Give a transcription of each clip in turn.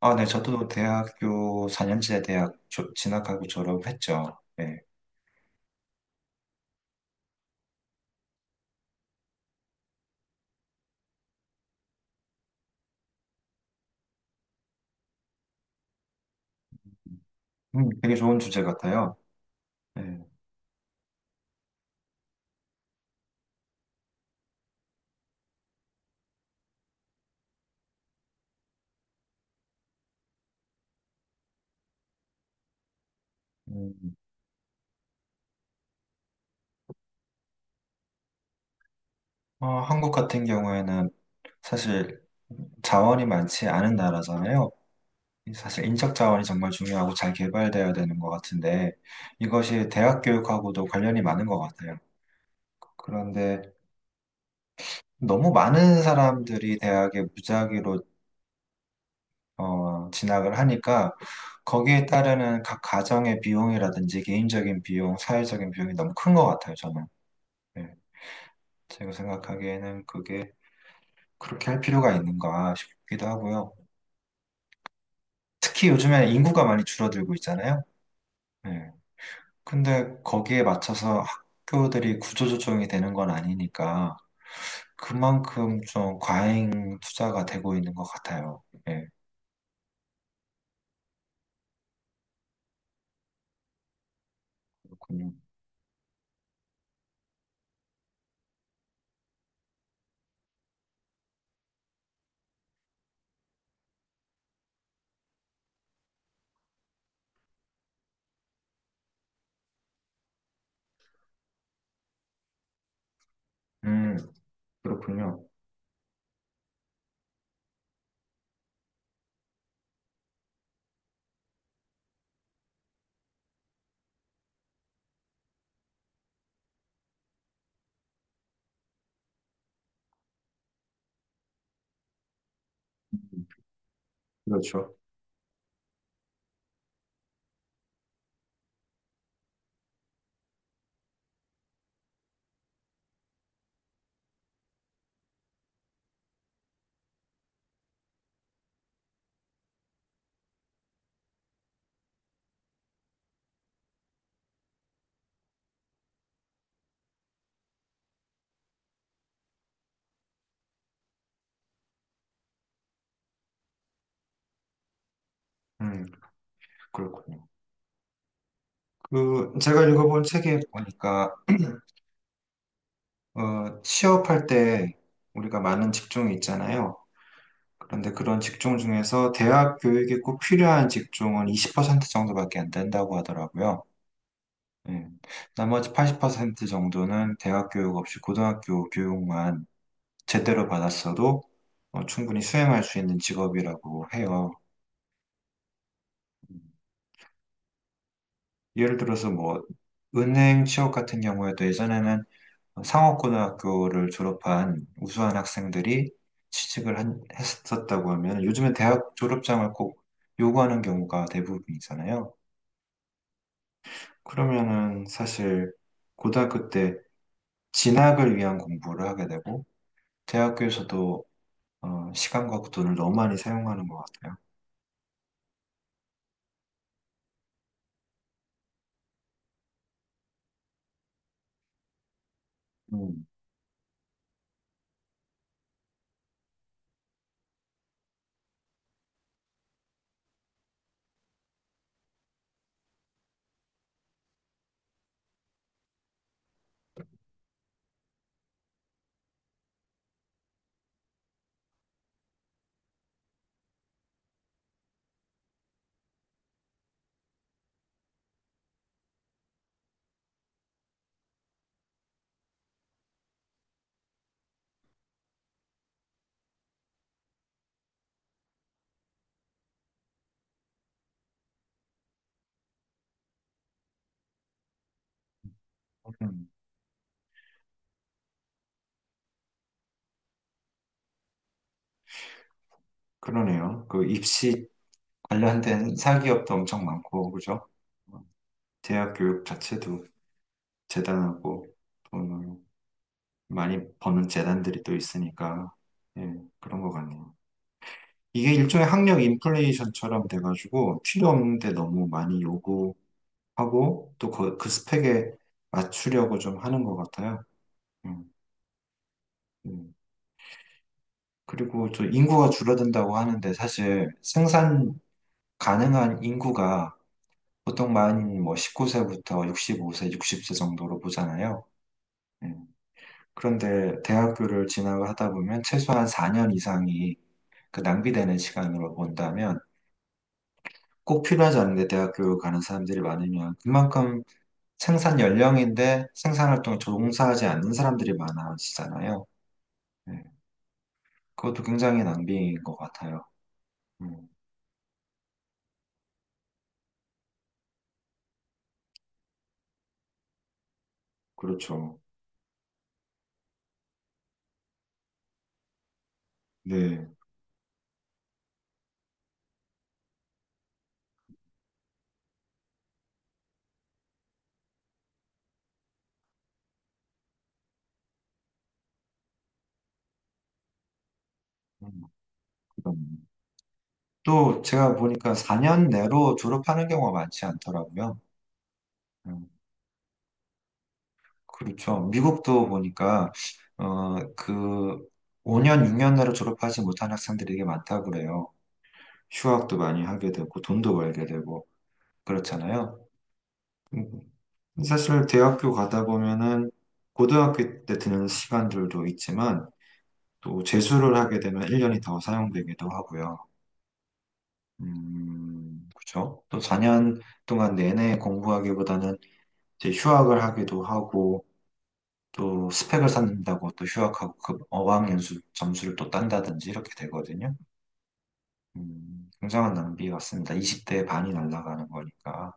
아, 네, 저도 대학교 4년제 대학 진학하고 졸업했죠. 네. 되게 좋은 주제 같아요. 네. 음, 한국 같은 경우에는 사실 자원이 많지 않은 나라잖아요. 사실 인적 자원이 정말 중요하고 잘 개발되어야 되는 것 같은데 이것이 대학 교육하고도 관련이 많은 것 같아요. 그런데 너무 많은 사람들이 대학에 무작위로 진학을 하니까 거기에 따르는 각 가정의 비용이라든지 개인적인 비용, 사회적인 비용이 너무 큰 것 같아요, 저는. 예. 제가 생각하기에는 그게 그렇게 할 필요가 있는가 싶기도 하고요. 특히 요즘에 인구가 많이 줄어들고 있잖아요. 예. 근데 거기에 맞춰서 학교들이 구조조정이 되는 건 아니니까 그만큼 좀 과잉 투자가 되고 있는 것 같아요. 예, 그렇군요. 음, 그렇군요. 그렇죠. 음, 그렇군요. 그 제가 읽어본 책에 보니까 취업할 때 우리가 많은 직종이 있잖아요. 그런데 그런 직종 중에서 대학 교육이 꼭 필요한 직종은 20% 정도밖에 안 된다고 하더라고요. 예. 나머지 80% 정도는 대학 교육 없이 고등학교 교육만 제대로 받았어도 충분히 수행할 수 있는 직업이라고 해요. 예를 들어서 뭐 은행 취업 같은 경우에도 예전에는 상업고등학교를 졸업한 우수한 학생들이 취직을 했었다고 하면 요즘은 대학 졸업장을 꼭 요구하는 경우가 대부분이잖아요. 그러면은 사실 고등학교 때 진학을 위한 공부를 하게 되고 대학교에서도 시간과 그 돈을 너무 많이 사용하는 것 같아요. 음, 음, 그러네요. 그 입시 관련된 사기업도 엄청 많고 그죠? 대학 교육 자체도 재단하고 돈을 많이 버는 재단들이 또 있으니까 예, 그런 것 같네요. 이게 일종의 학력 인플레이션처럼 돼가지고 필요 없는데 너무 많이 요구하고 또 그 스펙에 맞추려고 좀 하는 것 같아요. 음, 음. 그리고 저 인구가 줄어든다고 하는데 사실 생산 가능한 인구가 보통 많이 뭐 19세부터 65세, 60세 정도로 보잖아요. 음. 그런데 대학교를 진학을 하다 보면 최소한 4년 이상이 그 낭비되는 시간으로 본다면 꼭 필요하지 않은데 대학 교육 가는 사람들이 많으면 그만큼 생산 연령인데 생산 활동에 종사하지 않는 사람들이 많아지잖아요. 네. 그것도 굉장히 낭비인 것 같아요. 음, 그렇죠. 네. 음, 그럼. 또 제가 보니까 4년 내로 졸업하는 경우가 많지 않더라고요. 음, 그렇죠. 미국도 보니까 그 5년, 6년 내로 졸업하지 못한 학생들이 되게 많다고 그래요. 휴학도 많이 하게 되고 돈도 벌게 되고 그렇잖아요. 음, 사실 대학교 가다 보면은 고등학교 때 드는 시간들도 있지만 또 재수를 하게 되면 1년이 더 사용되기도 하고요. 그렇죠. 또 4년 동안 내내 공부하기보다는 이제 휴학을 하기도 하고 또 스펙을 쌓는다고 또 휴학하고 그 어학연수 점수를 또 딴다든지 이렇게 되거든요. 굉장한 낭비 같습니다. 20대의 반이 날아가는 거니까.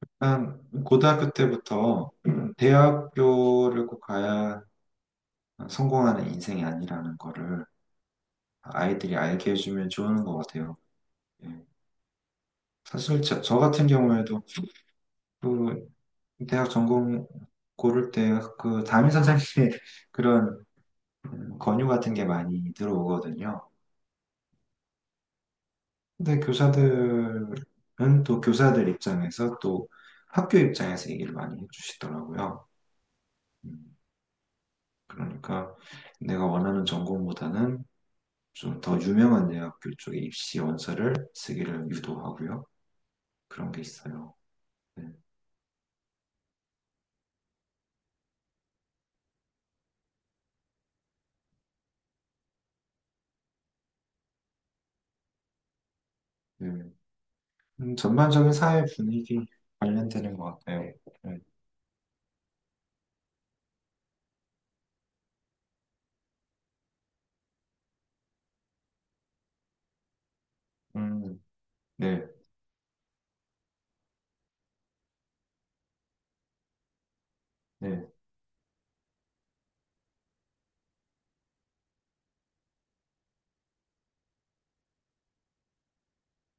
일단 고등학교 때부터 대학교를 꼭 가야 성공하는 인생이 아니라는 거를 아이들이 알게 해주면 좋은 것 같아요. 예. 사실 저 같은 경우에도 그 대학 전공 고를 때 그 담임 선생님의 그런 권유 같은 게 많이 들어오거든요. 근데 교사들은 또 교사들 입장에서 또 학교 입장에서 얘기를 많이 해주시더라고요. 음, 그러니까 내가 원하는 전공보다는 좀 더 유명한 대학교 쪽에 입시 원서를 쓰기를 유도하고요. 그런 게 있어요. 네. 음, 전반적인 사회 분위기 관련되는 것 같아요. 네. 음, 네, 네,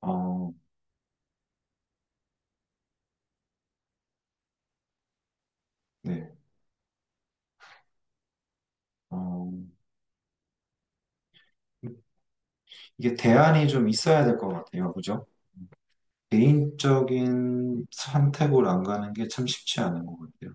어, 네, 어, 이게 대안이 좀 있어야 될 것 같아요. 그죠? 개인적인 선택으로 안 가는 게 참 쉽지 않은 것 같아요.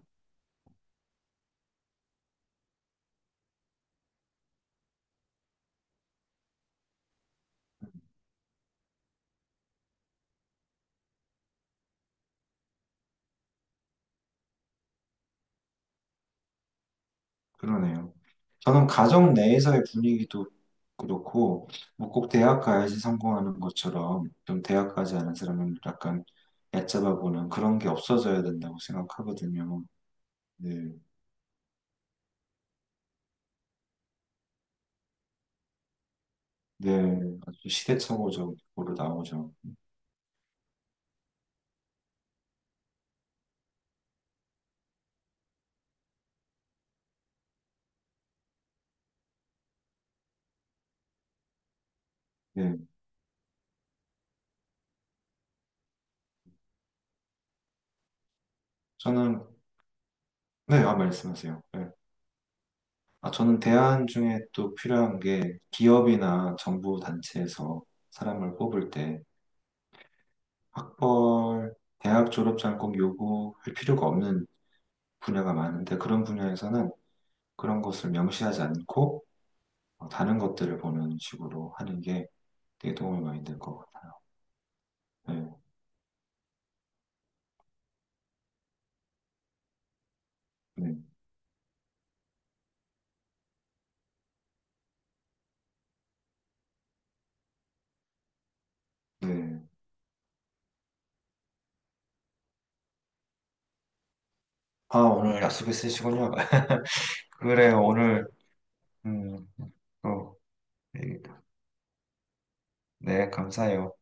그러네요. 저는 가정 내에서의 분위기도 그렇고, 뭐 꼭 대학 가야지 성공하는 것처럼, 좀 대학 가지 않은 사람은 약간 얕잡아 보는 그런 게 없어져야 된다고 생각하거든요. 네, 네, 아주 시대착오적으로 나오죠. 네, 저는, 네, 아, 말씀하세요. 네. 아, 저는 대안 중에 또 필요한 게 기업이나 정부 단체에서 사람을 뽑을 때 학벌, 대학 졸업장 꼭 요구할 필요가 없는 분야가 많은데 그런 분야에서는 그런 것을 명시하지 않고 다른 것들을 보는 식으로 하는 게 되게 도움이 많이 될 것 같아요. 네, 네, 네. 아, 오늘 약속 있으시군요. 그래요, 오늘, 음, 또, 얘기- 네, 감사해요.